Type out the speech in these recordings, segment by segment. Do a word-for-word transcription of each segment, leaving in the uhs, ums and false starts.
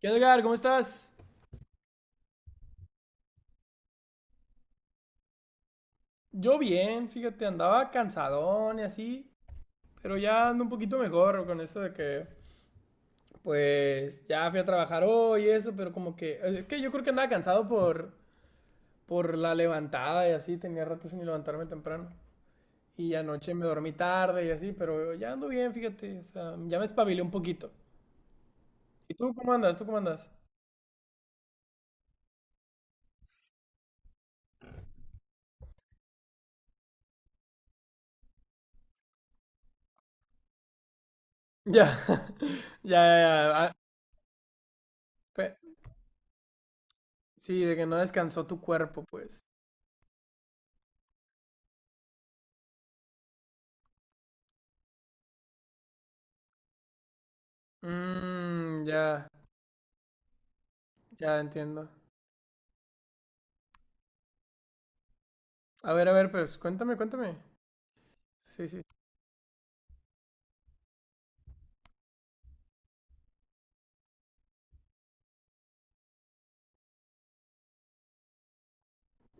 ¿Qué onda, Edgar? ¿Cómo estás? Yo bien, fíjate, andaba cansadón y así, pero ya ando un poquito mejor con eso de que, pues, ya fui a trabajar hoy y eso, pero como que, es que yo creo que andaba cansado por, por la levantada y así, tenía rato sin levantarme temprano. Y anoche me dormí tarde y así, pero ya ando bien, fíjate, o sea, ya me espabilé un poquito. ¿Y tú cómo andas? ¿Tú cómo andas? Ya, ya, ya, ya, ah, pe- sí, de que no descansó tu cuerpo, pues. Mmm, ya. Ya entiendo. A ver, a ver, pues cuéntame, cuéntame. Sí, sí.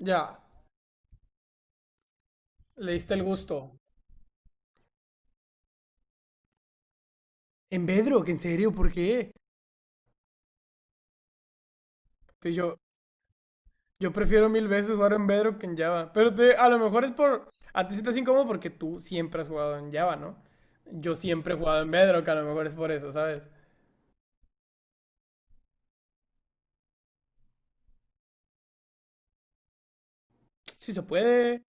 Ya, le diste el gusto. En Bedrock, ¿en serio? ¿Por qué? Pues yo, yo prefiero mil veces jugar en Bedrock que en Java. Pero te, a lo mejor es por... A ti se te hace incómodo porque tú siempre has jugado en Java, ¿no? Yo siempre he jugado en Bedrock, a lo mejor es por eso, ¿sabes? Sí se puede.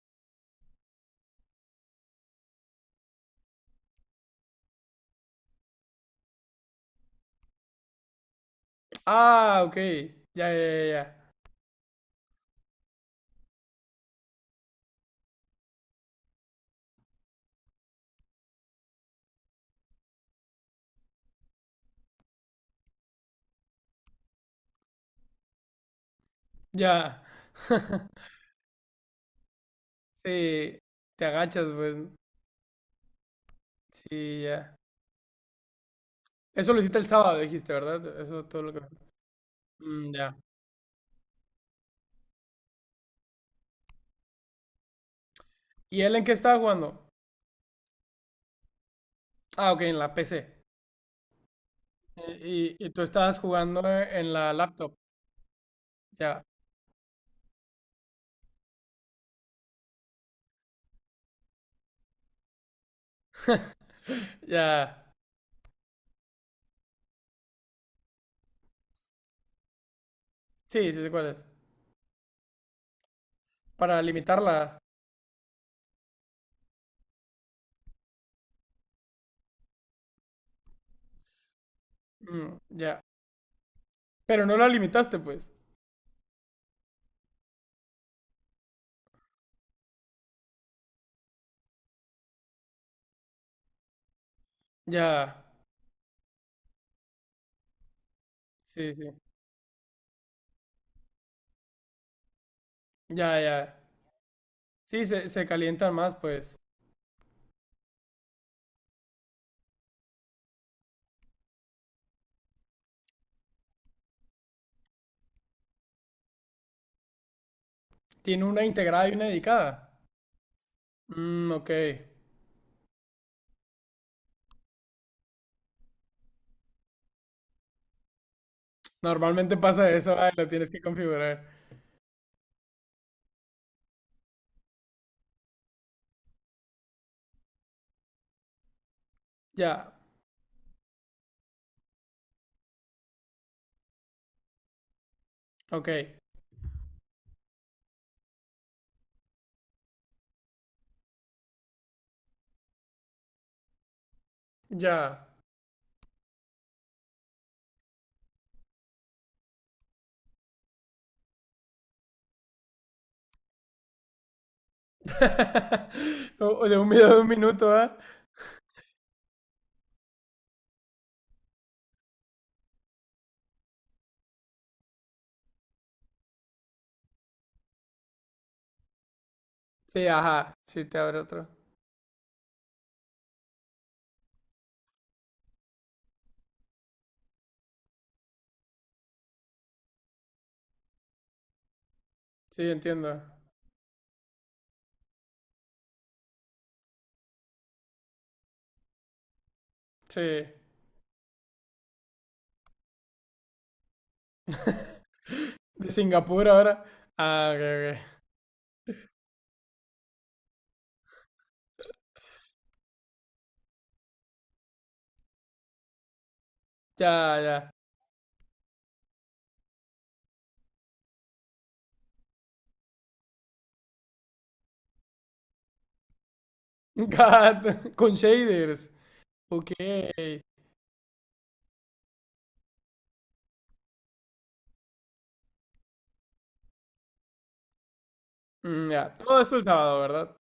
Ah, ok. Ya, ya, ya, ya. Ya. Sí, te agachas, pues. Sí, ya. Eso lo hiciste el sábado, dijiste, ¿verdad? Eso todo lo que... Mm, ya. ¿Y él en qué estaba jugando? Ah, ok, en la P C. Y, y- y tú estabas jugando en la laptop. Ya, ya. Sí, sí sé cuál es. Para limitarla. Mm, ya. Pero no la limitaste, pues. Ya. Sí, sí. Ya, ya. Sí, se, se calientan más, pues. Tiene una integrada y una dedicada. Mm, ok. Normalmente pasa eso, ay, lo tienes que configurar. Ya. Ok. Ya. O- o De un video de un minuto, ¿ah? Sí, ajá. Sí, te abre otro. Sí, entiendo. Sí. De Singapur ahora. Ah, ok, ok. Ya, ya. God con shaders. Ok. Mm, ya. Todo esto el sábado, ¿verdad?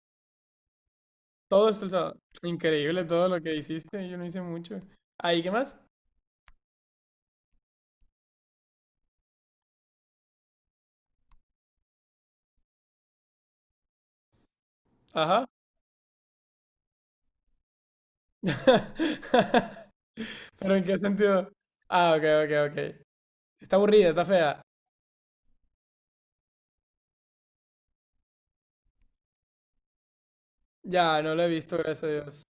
Todo esto el sábado. Increíble todo lo que hiciste. Yo no hice mucho. Ahí, ¿qué más? Ajá. Pero ¿en qué sentido? Ah, ok, ok, ok. Está aburrida, está fea. Ya, no lo he visto, gracias a Dios.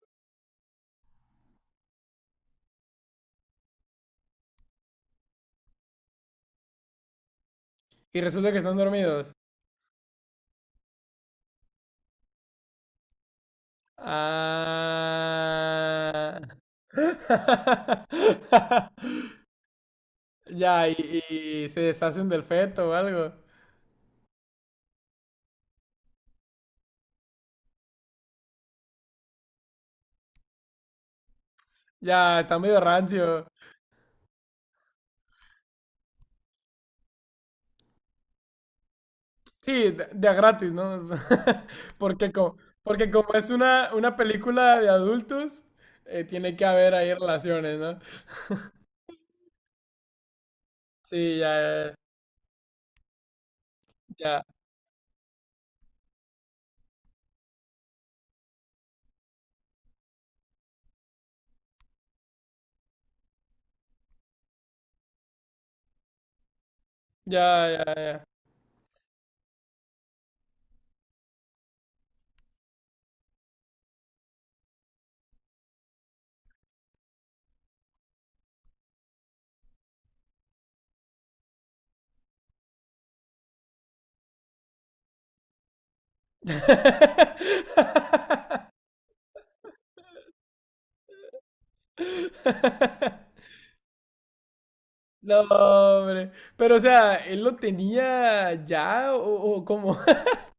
Y resulta que están dormidos. Ah. Ya, y, y se deshacen del feto o algo. Ya, está medio rancio. Sí, de, de a gratis, ¿no? Porque como, porque como es una, una película de adultos, eh, tiene que haber ahí relaciones, ¿no? Sí, ya, ya, ya, ya, ya. Ya. No, hombre. Pero, o sea, ¿él lo tenía ya o, o cómo?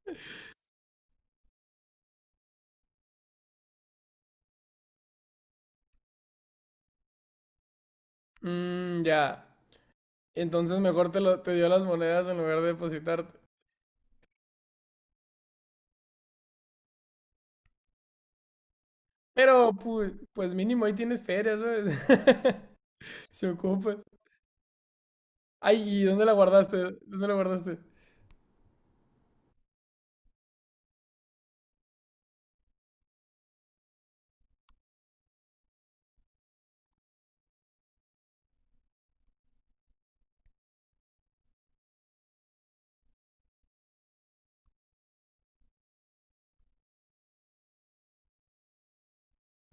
Mm, ya. Entonces mejor te, lo, te dio las monedas en lugar de depositarte. Pero, pues, pues mínimo ahí tienes feria, ¿sabes? Se ocupa. Ay, ¿y dónde la guardaste? ¿Dónde la guardaste?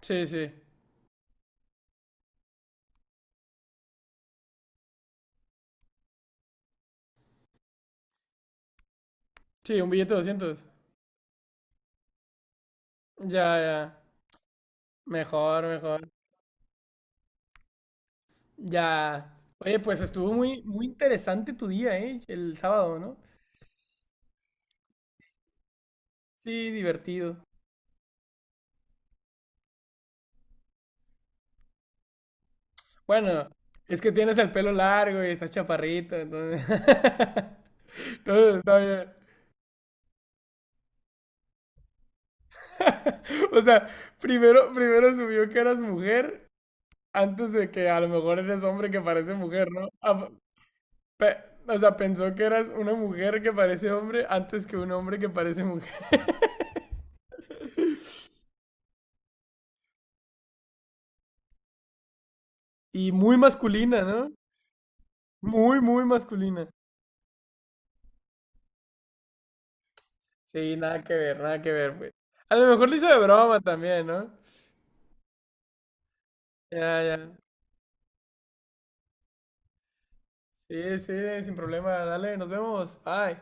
Sí, sí. Sí, un billete de doscientos. Ya, ya. Mejor, mejor. Ya. Oye, pues estuvo muy, muy interesante tu día, ¿eh? El sábado, ¿no? Sí, divertido. Bueno, es que tienes el pelo largo y estás chaparrito, entonces. Todo está bien. O sea, primero, primero subió que eras mujer antes de que a lo mejor eres hombre que parece mujer, ¿no? A- pe- o sea, pensó que eras una mujer que parece hombre antes que un hombre que parece mujer. Y muy masculina, ¿no? Muy, muy masculina. Sí, nada que ver, nada que ver, pues. A lo mejor lo hizo de broma también, ¿no? Ya, ya. Sí, sí, sin problema. Dale, nos vemos. Bye.